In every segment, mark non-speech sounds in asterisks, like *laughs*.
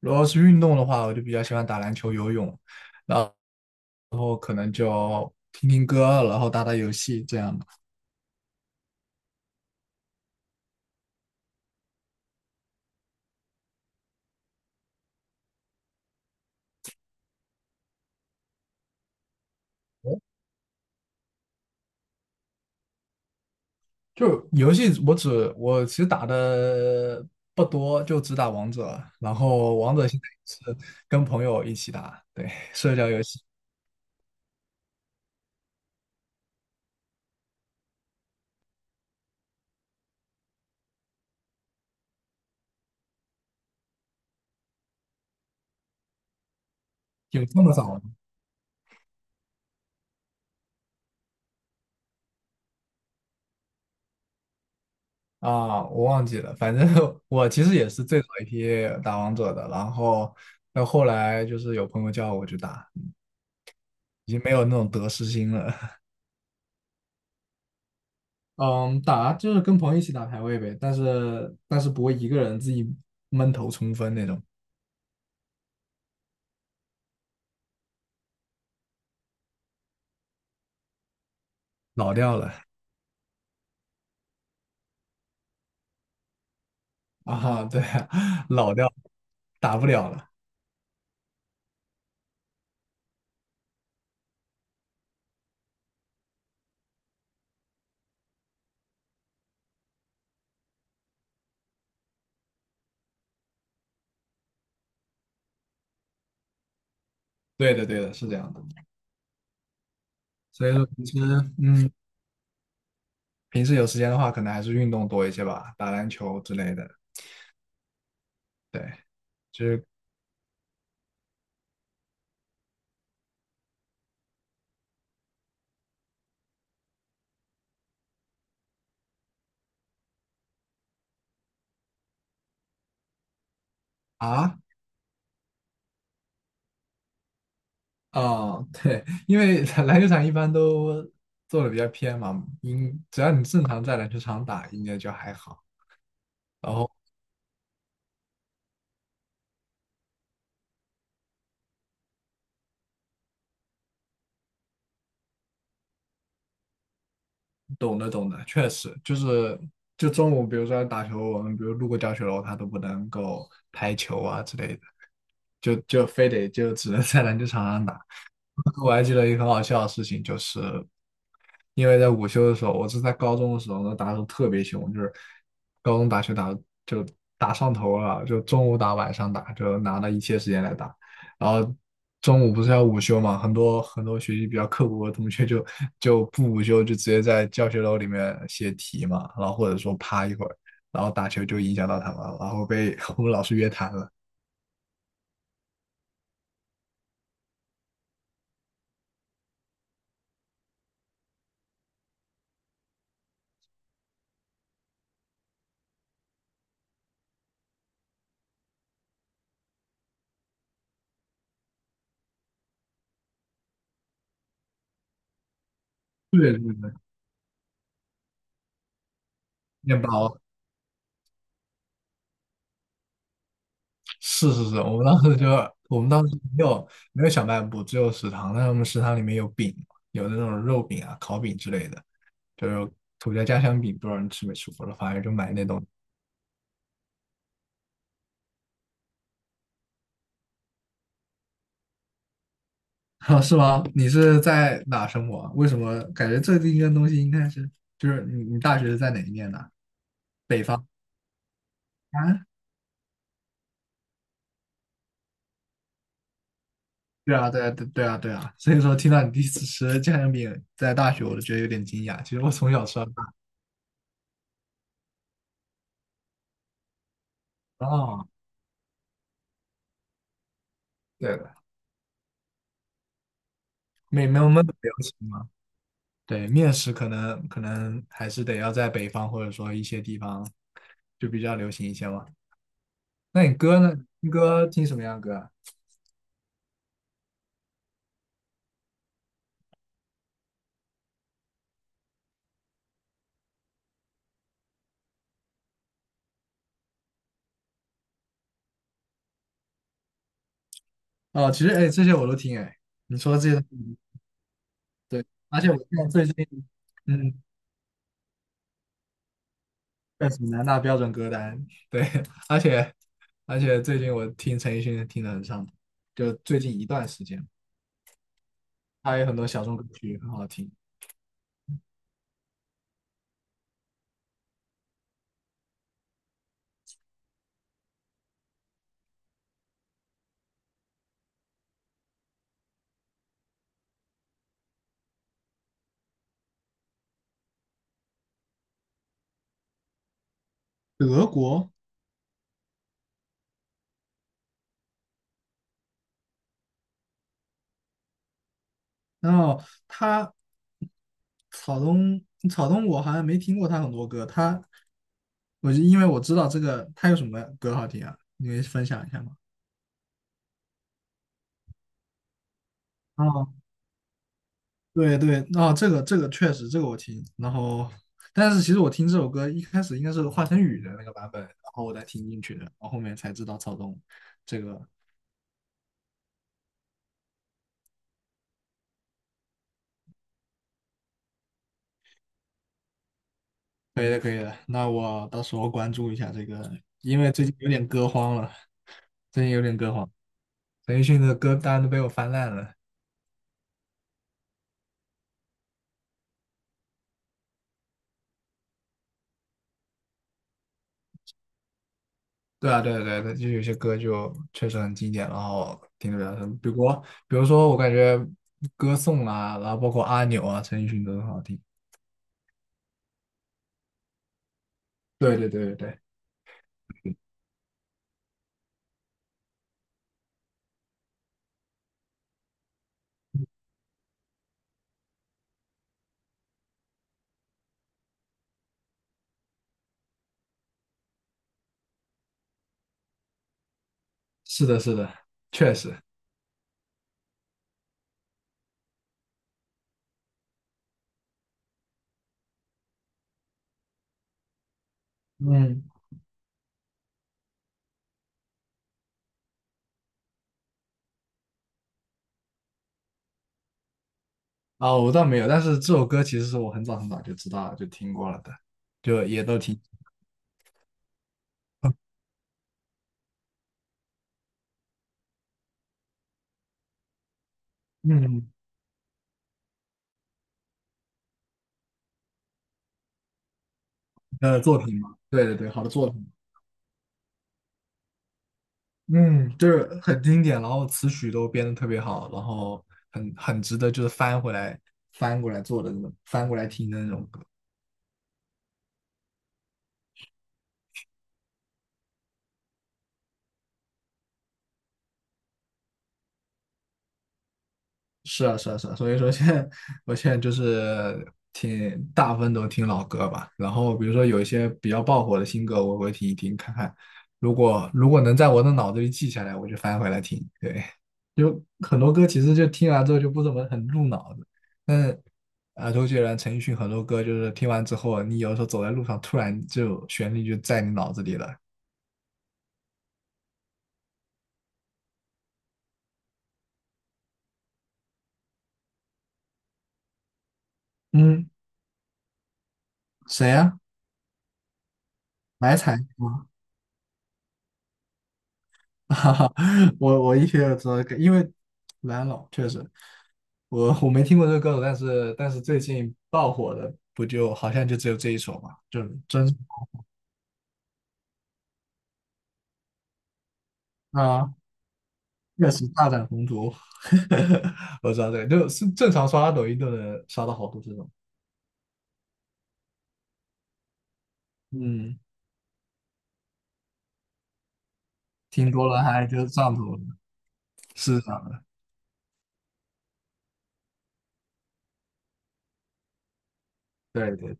如果是运动的话，我就比较喜欢打篮球、游泳，然后可能就听听歌，然后打打游戏这样的。就游戏，我其实打的不多，就只打王者，然后王者现在也是跟朋友一起打，对，社交游戏有这么早吗？啊，我忘记了，反正 *laughs* 我其实也是最早一批打王者的，然后到后来就是有朋友叫我去打，已经没有那种得失心了。嗯，打就是跟朋友一起打排位呗，但是不会一个人自己闷头冲锋那种，老掉了 *laughs* 啊，对啊，*laughs* 老掉了，打不了了。对的，对的，是这样的。所以说平时，嗯，平时有时间的话，可能还是运动多一些吧，打篮球之类的。对，就是啊啊，对，因为 *laughs* 篮球场一般都做的比较偏嘛，应只要你正常在篮球场打，应该就还好。然后。懂的懂的，确实就是就中午，比如说打球，我们比如路过教学楼，他都不能够拍球啊之类的，就非得就只能在篮球场上打。*laughs* 我还记得一个很好笑的事情，就是因为在午休的时候，我是在高中的时候呢打得特别凶，就是高中打球打得就打上头了，就中午打晚上打，就拿了一切时间来打。然后中午不是要午休嘛，很多很多学习比较刻苦的同学就不午休，就直接在教学楼里面写题嘛，然后或者说趴一会儿，然后打球就影响到他们了，然后被 *laughs* 我们老师约谈了。对对对，面包。是是是，我们当时没有小卖部，只有食堂。但是我们食堂里面有饼，有那种肉饼啊、烤饼之类的，就是土家家乡饼，不知道你吃没吃过了，反正就买那种。西。*laughs* 啊，是吗？你是在哪生活啊？为什么感觉这第一个东西应该是就是你大学是在哪一念的啊？对啊，对啊，对对啊，对啊。所以说听到你第一次吃家乡饼在大学，我都觉得有点惊讶。其实我从小吃到大。哦，对的，没有焖的不要吃吗？对，面食可能还是得要在北方或者说一些地方就比较流行一些嘛。那你歌呢？听歌听什么样的歌啊？哦，其实哎，这些我都听哎。你说的这些都听对，而且我现在最近嗯，在什么南大标准歌单，对，*laughs* 而且而且最近我听陈奕迅听的很上头，就最近一段时间，他有很多小众歌曲很好听。德国然后他草东草东我好像没听过他很多歌，他我就因为我知道这个他有什么歌好听啊，你可以分享一下吗？哦，对对，哦，这个确实这个我听，然后但是其实我听这首歌一开始应该是华晨宇的那个版本，然后我才听进去的，然后后面才知道草东这个。可以的，可以的。那我到时候关注一下这个，因为最近有点歌荒了，最近有点歌荒，陈奕迅的歌单都被我翻烂了。对啊，对啊对啊对啊，就有些歌就确实很经典，然后听得比较深。比如，比如说，我感觉歌颂啊，然后包括阿牛啊、陈奕迅都很好听。对对对对对，是的，是的，确实。嗯，啊，我倒没有，但是这首歌其实是我很早很早就知道了，就听过了的，就也都听。嗯，呃，作品嘛，对对对，好的作品。嗯，就是很经典，然后词曲都编的特别好，然后很很值得就是翻回来翻过来做的那种，翻过来听的那种歌。是啊，是啊，是啊，所以说现在我现在就是听大部分都听老歌吧，然后比如说有一些比较爆火的新歌，我会听一听看看，如果能在我的脑子里记下来，我就翻回来听。对，就很多歌其实就听完之后就不怎么很入脑子，但是啊，周杰伦、陈奕迅很多歌就是听完之后，你有时候走在路上，突然就旋律就在你脑子里了。嗯，谁呀、来财？我一听就知道这个因为蓝老确实，我没听过这个歌手，但是最近爆火的不就好像就只有这一首嘛，就是真啊，确实大展宏图，*laughs* 我知道这个，就是正常刷抖音都能刷到好多这种，嗯，听多了还就上头了，是这样的，对对，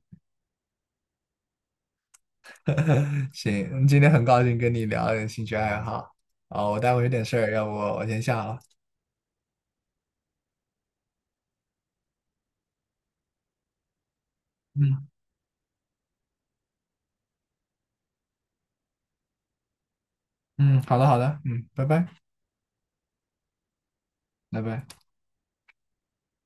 *laughs* 行，今天很高兴跟你聊点兴趣爱好，啊，我待会有点事儿，要不我先下了，嗯嗯，好的好的，嗯，拜拜拜拜。